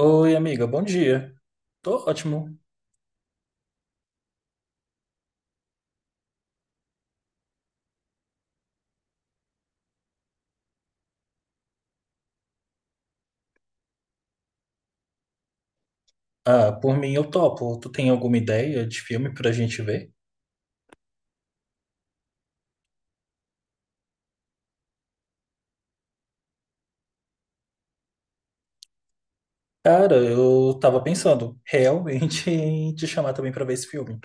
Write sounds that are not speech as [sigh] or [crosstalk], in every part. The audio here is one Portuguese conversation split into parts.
Oi, amiga, bom dia. Tô ótimo. Ah, por mim eu topo. Tu tem alguma ideia de filme pra gente ver? Cara, eu tava pensando realmente [laughs] em te chamar também pra ver esse filme.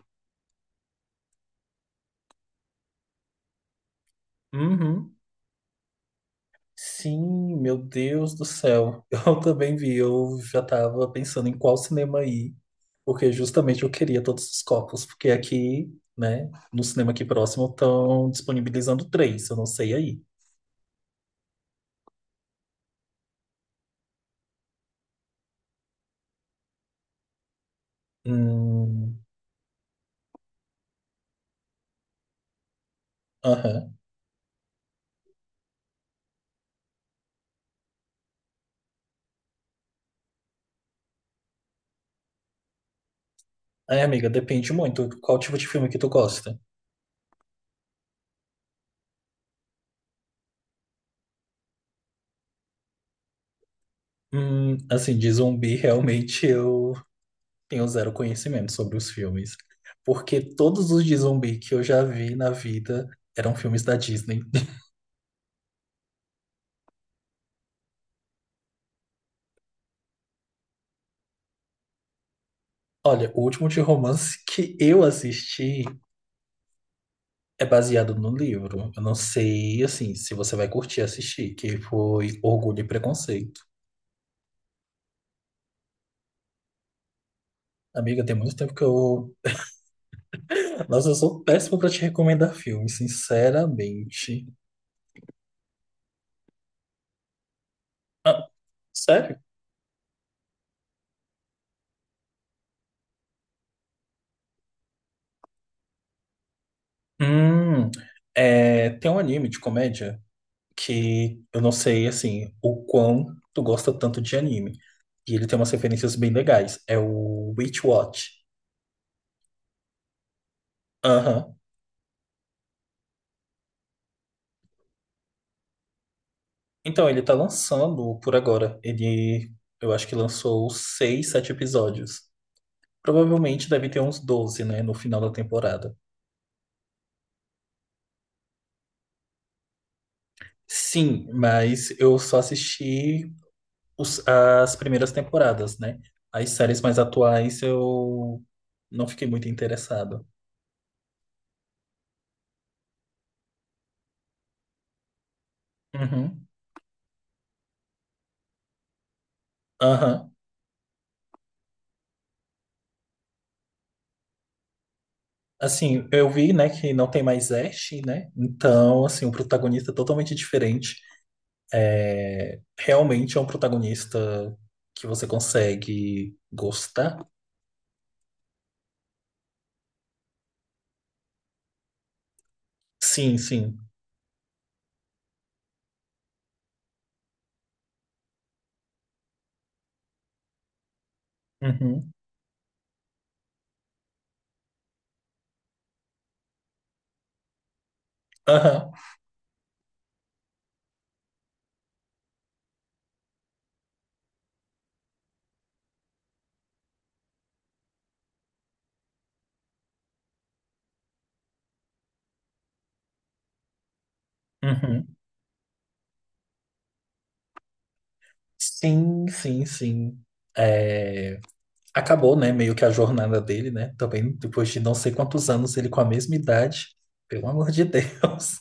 Uhum. Sim, meu Deus do céu. [laughs] Eu também vi, eu já tava pensando em qual cinema ir, porque justamente eu queria todos os copos, porque aqui, né, no cinema aqui próximo estão disponibilizando três, eu não sei aí. Hum, aham. É, amiga, depende muito. Qual tipo de filme que tu gosta? Assim, de zumbi, [laughs] realmente eu tenho zero conhecimento sobre os filmes. Porque todos os de zumbi que eu já vi na vida eram filmes da Disney. [laughs] Olha, o último de romance [laughs] que eu assisti é baseado no livro. Eu não sei, assim, se você vai curtir assistir, que foi Orgulho e Preconceito. Amiga, tem muito tempo que eu. Nossa, eu sou péssimo pra te recomendar filme, sinceramente. Ah, sério? Hum, é, tem um anime de comédia que eu não sei, assim, o quão tu gosta tanto de anime. E ele tem umas referências bem legais. É o Witch Watch. Aham. Então, ele tá lançando por agora. Eu acho que lançou seis, sete episódios. Provavelmente deve ter uns 12 né, no final da temporada. Sim, mas eu só assisti as primeiras temporadas, né? As séries mais atuais eu não fiquei muito interessado. Uhum. Aham. Assim, eu vi, né, que não tem mais Ash, né? Então, assim, o protagonista é totalmente diferente. É, realmente é um protagonista que você consegue gostar. Sim, sim. Uhum. Aham. Uhum. Sim, sim, sim. É, acabou, né, meio que a jornada dele, né? Também depois de não sei quantos anos ele com a mesma idade. Pelo amor de Deus.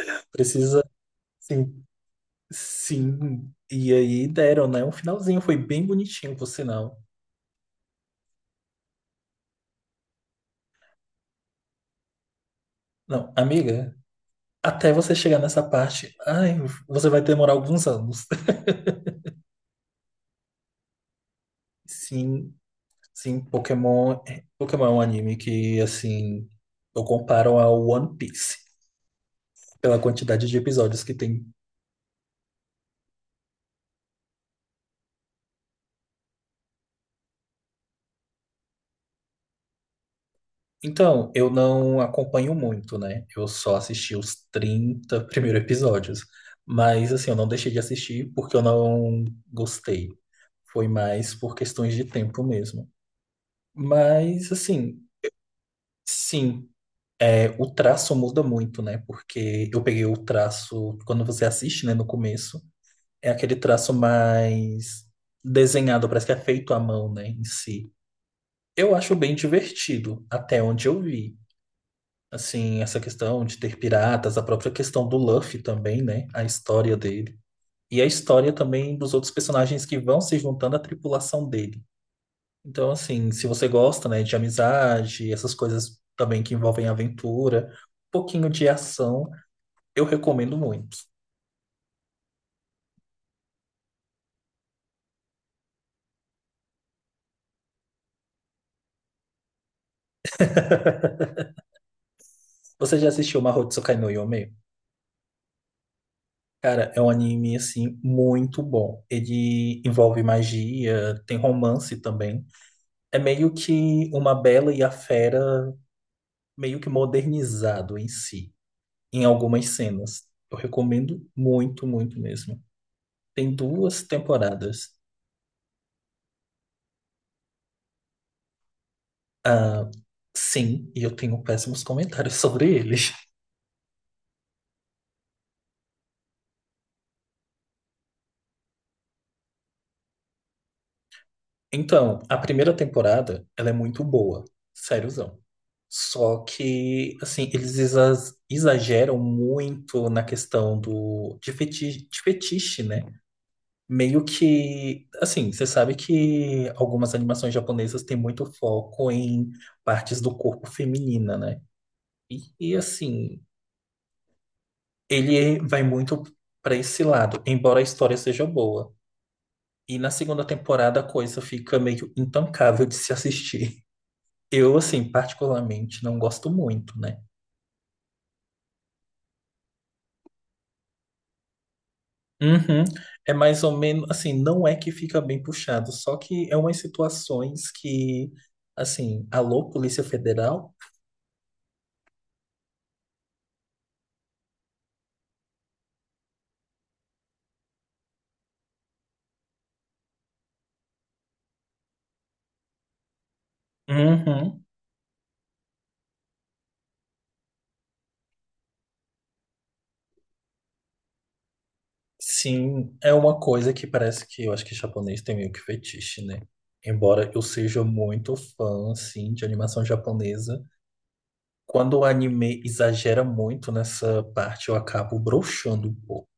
[laughs] Precisa, sim, Sim, e aí deram, né? Um finalzinho, foi bem bonitinho, por sinal. Não, amiga, até você chegar nessa parte, ai, você vai demorar alguns anos. [laughs] Sim, sim, Pokémon, Pokémon é um anime que, assim, eu comparo ao One Piece pela quantidade de episódios que tem. Então, eu não acompanho muito, né? Eu só assisti os 30 primeiros episódios. Mas, assim, eu não deixei de assistir porque eu não gostei. Foi mais por questões de tempo mesmo. Mas, assim, sim, é, o traço muda muito, né? Porque eu peguei o traço, quando você assiste, né, no começo, é aquele traço mais desenhado, parece que é feito à mão, né, em si. Eu acho bem divertido, até onde eu vi. Assim, essa questão de ter piratas, a própria questão do Luffy também, né? A história dele. E a história também dos outros personagens que vão se juntando à tripulação dele. Então, assim, se você gosta, né, de amizade, essas coisas também que envolvem aventura, um pouquinho de ação, eu recomendo muito. Você já assistiu Mahoutsukai no Yome? Cara, é um anime, assim, muito bom. Ele envolve magia, tem romance também. É meio que uma Bela e a Fera, meio que modernizado em si, em algumas cenas. Eu recomendo muito, muito mesmo. Tem duas temporadas. Ah, sim, e eu tenho péssimos comentários [laughs] sobre ele. Então, a primeira temporada, ela é muito boa, sériozão. Só que, assim, exageram muito na questão do de fetiche, né? Meio que, assim, você sabe que algumas animações japonesas têm muito foco em partes do corpo feminina, né? E, assim, ele vai muito para esse lado, embora a história seja boa. E na segunda temporada a coisa fica meio intancável de se assistir. Eu, assim, particularmente não gosto muito, né? Uhum. É mais ou menos, assim, não é que fica bem puxado, só que é umas situações que, assim, alô, Polícia Federal? Uhum. Sim, é uma coisa que parece que eu acho que japonês tem meio que fetiche, né? Embora eu seja muito fã, assim, de animação japonesa, quando o anime exagera muito nessa parte, eu acabo broxando um pouco.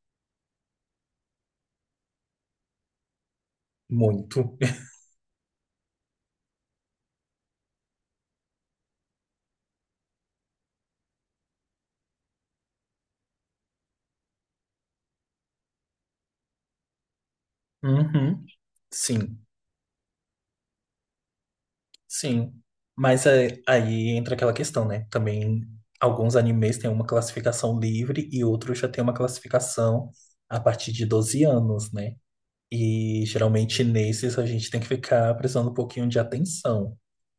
Muito. Uhum. Sim, sim. Mas é, aí entra aquela questão, né? Também alguns animes têm uma classificação livre e outros já têm uma classificação a partir de 12 anos, né? E geralmente nesses a gente tem que ficar prestando um pouquinho de atenção.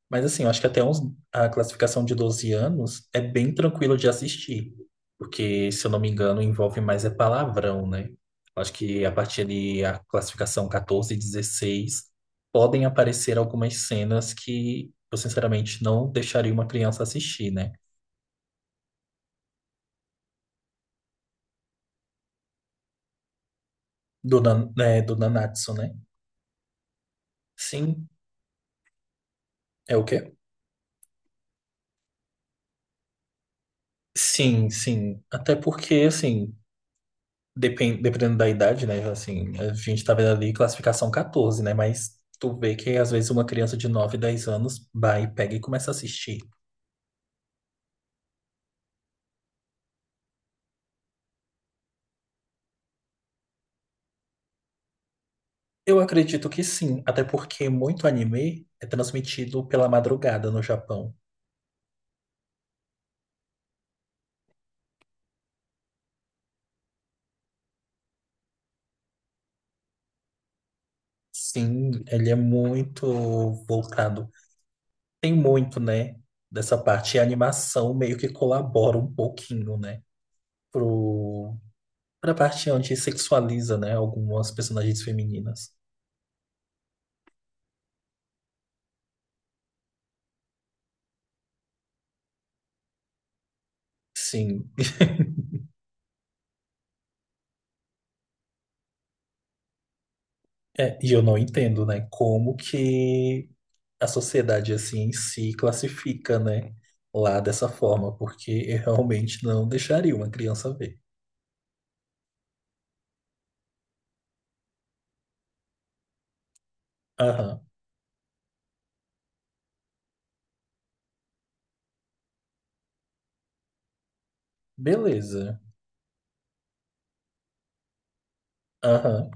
Mas assim, eu acho que até uns, a classificação de 12 anos é bem tranquilo de assistir. Porque, se eu não me engano, envolve mais é palavrão, né? Eu acho que a partir de a classificação 14 e 16 podem aparecer algumas cenas que eu, sinceramente, não deixaria uma criança assistir, né? Do Nanatsu, né? Sim, é o quê? Sim, sim. Até porque, assim, dependendo da idade, né? Assim, a gente tá vendo ali classificação 14, né? Mas tu vê que às vezes uma criança de nove dez anos vai, pega e começa a assistir. Eu acredito que sim, até porque muito anime é transmitido pela madrugada no Japão. Sim, ele é muito voltado. Tem muito, né, dessa parte. E a animação meio que colabora um pouquinho, né, pro, pra parte onde sexualiza, né, algumas personagens femininas. Sim, É, e eu não entendo, né? Como que a sociedade assim em si classifica, né? Lá dessa forma, porque eu realmente não deixaria uma criança ver. Aham, beleza. Aham,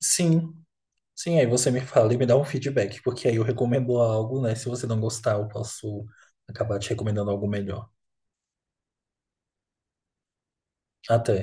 sim. Sim, aí você me fala e me dá um feedback, porque aí eu recomendo algo, né? Se você não gostar, eu posso acabar te recomendando algo melhor. Até.